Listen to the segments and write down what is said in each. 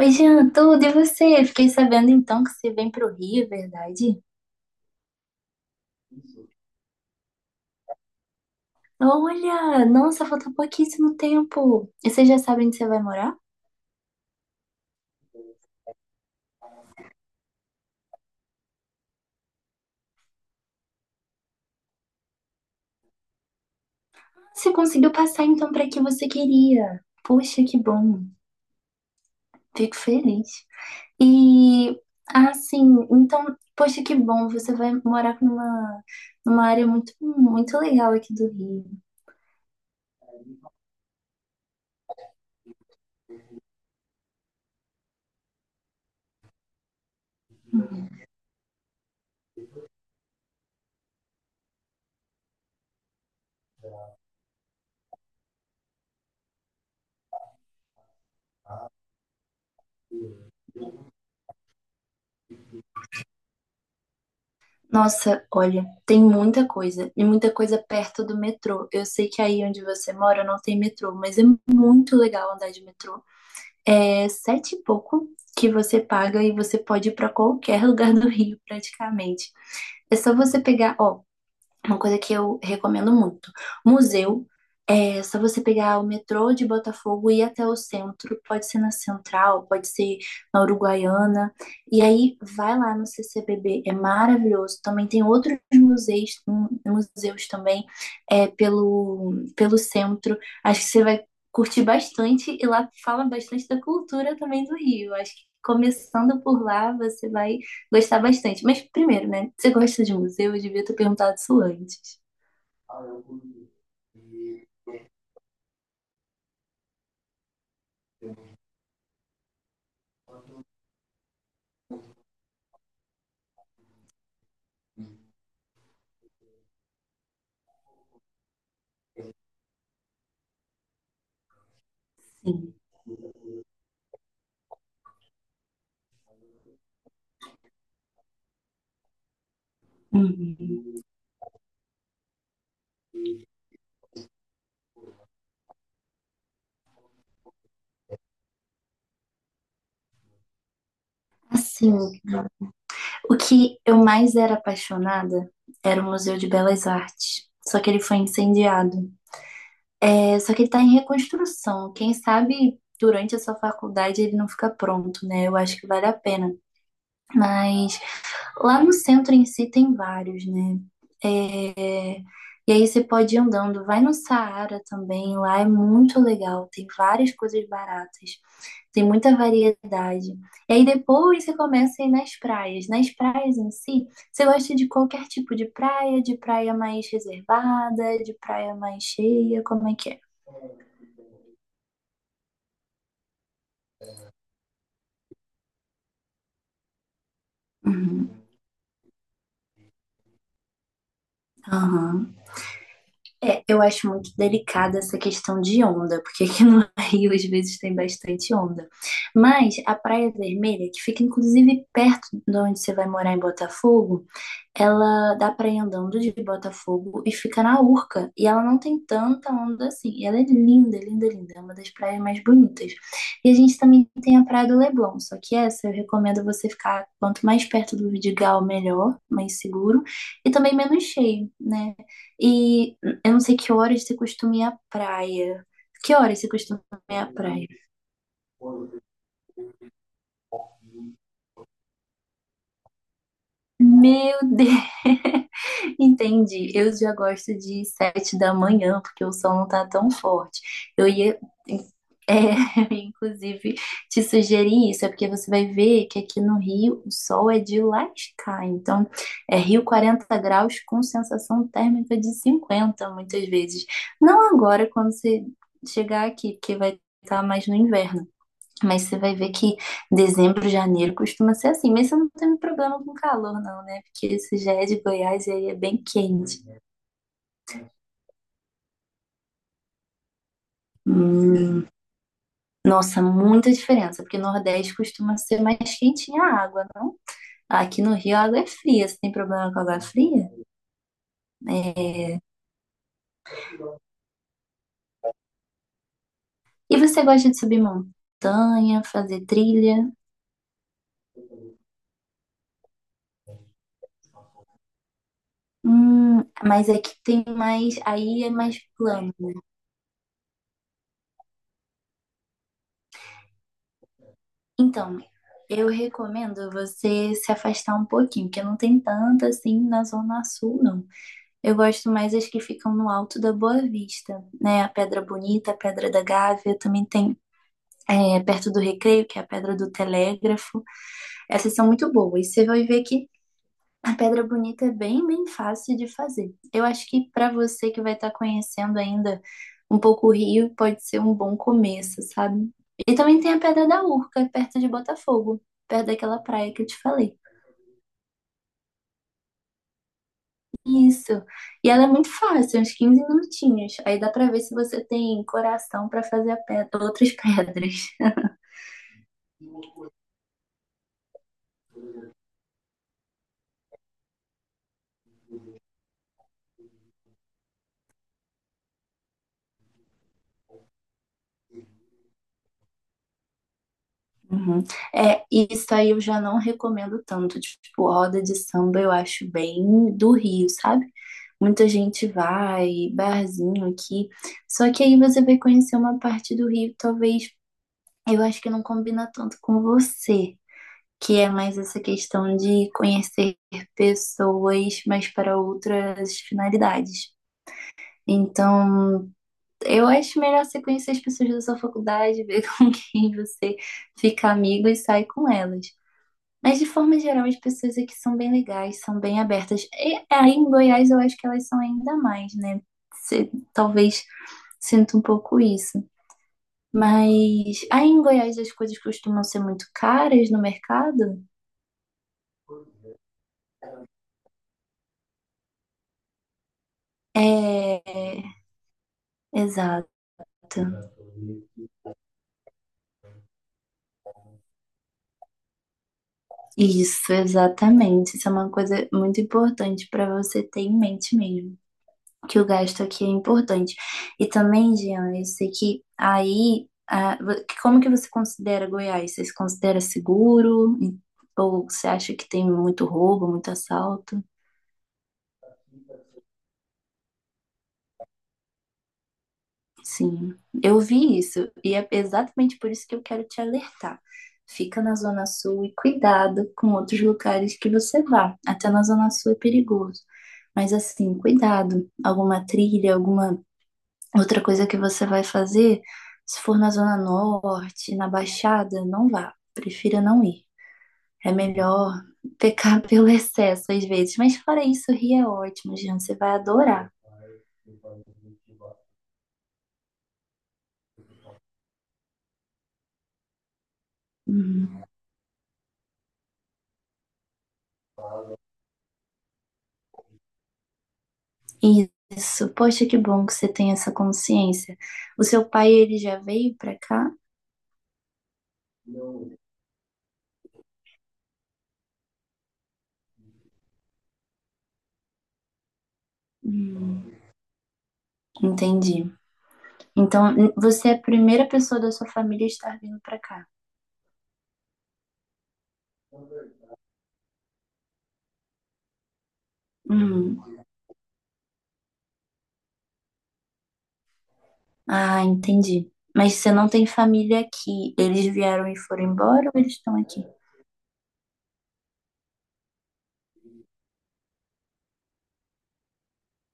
Oi, Jean, tudo e você? Fiquei sabendo então que você vem pro Rio, é verdade? Olha, nossa, falta pouquíssimo tempo. E você já sabe onde você vai morar? Você conseguiu passar então para que você queria. Poxa, que bom. Fico feliz. E ah, sim, então, poxa, que bom, você vai morar numa área muito muito legal aqui do Rio. Nossa, olha, tem muita coisa, e muita coisa perto do metrô. Eu sei que aí onde você mora não tem metrô, mas é muito legal andar de metrô. É sete e pouco que você paga e você pode ir para qualquer lugar do Rio, praticamente. É só você pegar, ó, uma coisa que eu recomendo muito. Museu, é só você pegar o metrô de Botafogo e ir até o centro. Pode ser na Central, pode ser na Uruguaiana. E aí vai lá no CCBB, é maravilhoso. Também tem outros museus, museus também é, pelo centro. Acho que você vai curtir bastante e lá fala bastante da cultura também do Rio. Acho que começando por lá, você vai gostar bastante. Mas primeiro, né? Você gosta de museu? Eu devia ter perguntado isso antes. Sim. Uhum. Assim, o que eu mais era apaixonada era o Museu de Belas Artes. Só que ele foi incendiado. É, só que ele tá em reconstrução. Quem sabe durante essa faculdade ele não fica pronto, né? Eu acho que vale a pena. Mas lá no centro em si tem vários, né? E aí você pode ir andando. Vai no Saara também, lá é muito legal. Tem várias coisas baratas. Tem muita variedade. E aí depois você começa a ir nas praias. Nas praias em si, você gosta de qualquer tipo de praia mais reservada, de praia mais cheia, como é que é? Uhum, aham. É, eu acho muito delicada essa questão de onda, porque aqui no Rio às vezes tem bastante onda. Mas a Praia Vermelha, que fica inclusive perto de onde você vai morar em Botafogo, ela dá praia andando de Botafogo e fica na Urca. E ela não tem tanta onda assim. E ela é linda, linda, linda. É uma das praias mais bonitas. E a gente também tem a Praia do Leblon. Só que essa eu recomendo você ficar quanto mais perto do Vidigal, melhor, mais seguro. E também menos cheio, né? E eu não sei que horas você costuma ir à praia. Que horas você costuma ir à praia? Meu Deus! Entendi. Eu já gosto de 7 da manhã, porque o sol não tá tão forte. Eu ia, é, inclusive, te sugerir isso, é porque você vai ver que aqui no Rio o sol é de lascar. Então, é Rio 40 graus com sensação térmica de 50, muitas vezes. Não agora, quando você chegar aqui, porque vai estar mais no inverno. Mas você vai ver que dezembro, janeiro costuma ser assim. Mas você não tem problema com calor, não, né? Porque isso já é de Goiás e aí é bem quente. Hum, nossa, muita diferença, porque Nordeste costuma ser mais quentinha a água, não? Aqui no Rio a água é fria. Você tem problema com água fria? É. E você gosta de subir montanha, fazer trilha? Mas aqui tem mais. Aí é mais plano. Então, eu recomendo você se afastar um pouquinho, porque não tem tanta assim na Zona Sul, não. Eu gosto mais as que ficam no alto da Boa Vista, né? A Pedra Bonita, a Pedra da Gávea, também tem é, perto do Recreio, que é a Pedra do Telégrafo. Essas são muito boas. Você vai ver que a pedra bonita é bem, bem fácil de fazer. Eu acho que para você que vai estar conhecendo ainda um pouco o Rio, pode ser um bom começo, sabe? E também tem a Pedra da Urca, perto de Botafogo, perto daquela praia que eu te falei. Isso. E ela é muito fácil, uns 15 minutinhos. Aí dá para ver se você tem coração para fazer a pedra, outras pedras. Uhum. É, isso aí eu já não recomendo tanto. Tipo, roda de samba eu acho bem do Rio, sabe? Muita gente vai, barzinho aqui. Só que aí você vai conhecer uma parte do Rio, talvez eu acho que não combina tanto com você, que é mais essa questão de conhecer pessoas, mas para outras finalidades. Então, eu acho melhor você conhecer as pessoas da sua faculdade, ver com quem você fica amigo e sai com elas. Mas de forma geral, as pessoas aqui são bem legais, são bem abertas. E aí em Goiás eu acho que elas são ainda mais, né? Talvez sinta um pouco isso. Mas aí em Goiás as coisas costumam ser muito caras no mercado? É, exato. Isso, exatamente. Isso é uma coisa muito importante para você ter em mente mesmo, que o gasto aqui é importante. E também, Jean, eu sei que aí, ah, como que você considera Goiás? Você se considera seguro? Ou você acha que tem muito roubo, muito assalto? Sim, eu vi isso e é exatamente por isso que eu quero te alertar. Fica na Zona Sul e cuidado com outros lugares que você vá. Até na Zona Sul é perigoso. Mas assim, cuidado. Alguma trilha, alguma outra coisa que você vai fazer, se for na Zona Norte, na Baixada, não vá. Prefira não ir. É melhor pecar pelo excesso às vezes. Mas fora isso, Rio é ótimo, gente. Você vai adorar. Uhum. Isso. Poxa, que bom que você tem essa consciência. O seu pai, ele já veio pra cá? Hum, entendi. Então, você é a primeira pessoa da sua família a estar vindo pra cá. Hum, Ah, entendi. Mas você não tem família aqui. Eles vieram e foram embora ou eles estão aqui?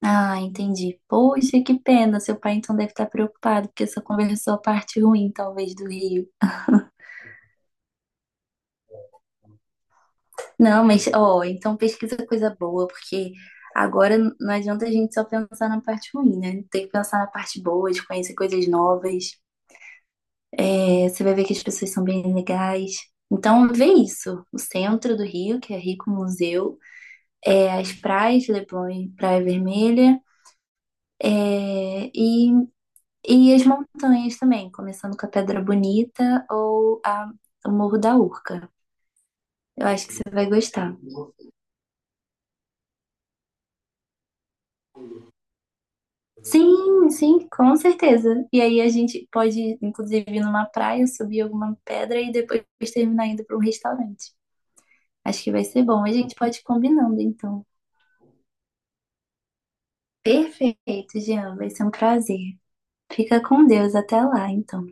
Ah, entendi. Poxa, que pena. Seu pai então deve estar preocupado, porque só conversou a parte ruim, talvez, do Rio. Não, mas, ó, então pesquisa coisa boa, porque agora não adianta a gente só pensar na parte ruim, né? Tem que pensar na parte boa, de conhecer coisas novas. É, você vai ver que as pessoas são bem legais. Então, vê isso. O centro do Rio, que é rico em museu, é, as praias, Leblon e Praia Vermelha. É, e as montanhas também, começando com a Pedra Bonita ou a, o Morro da Urca. Eu acho que você vai gostar. Sim, sim, com certeza. E aí a gente pode, inclusive, ir numa praia, subir alguma pedra e depois terminar indo para um restaurante. Acho que vai ser bom. A gente pode ir combinando, então. Perfeito, Jean. Vai ser um prazer. Fica com Deus até lá, então.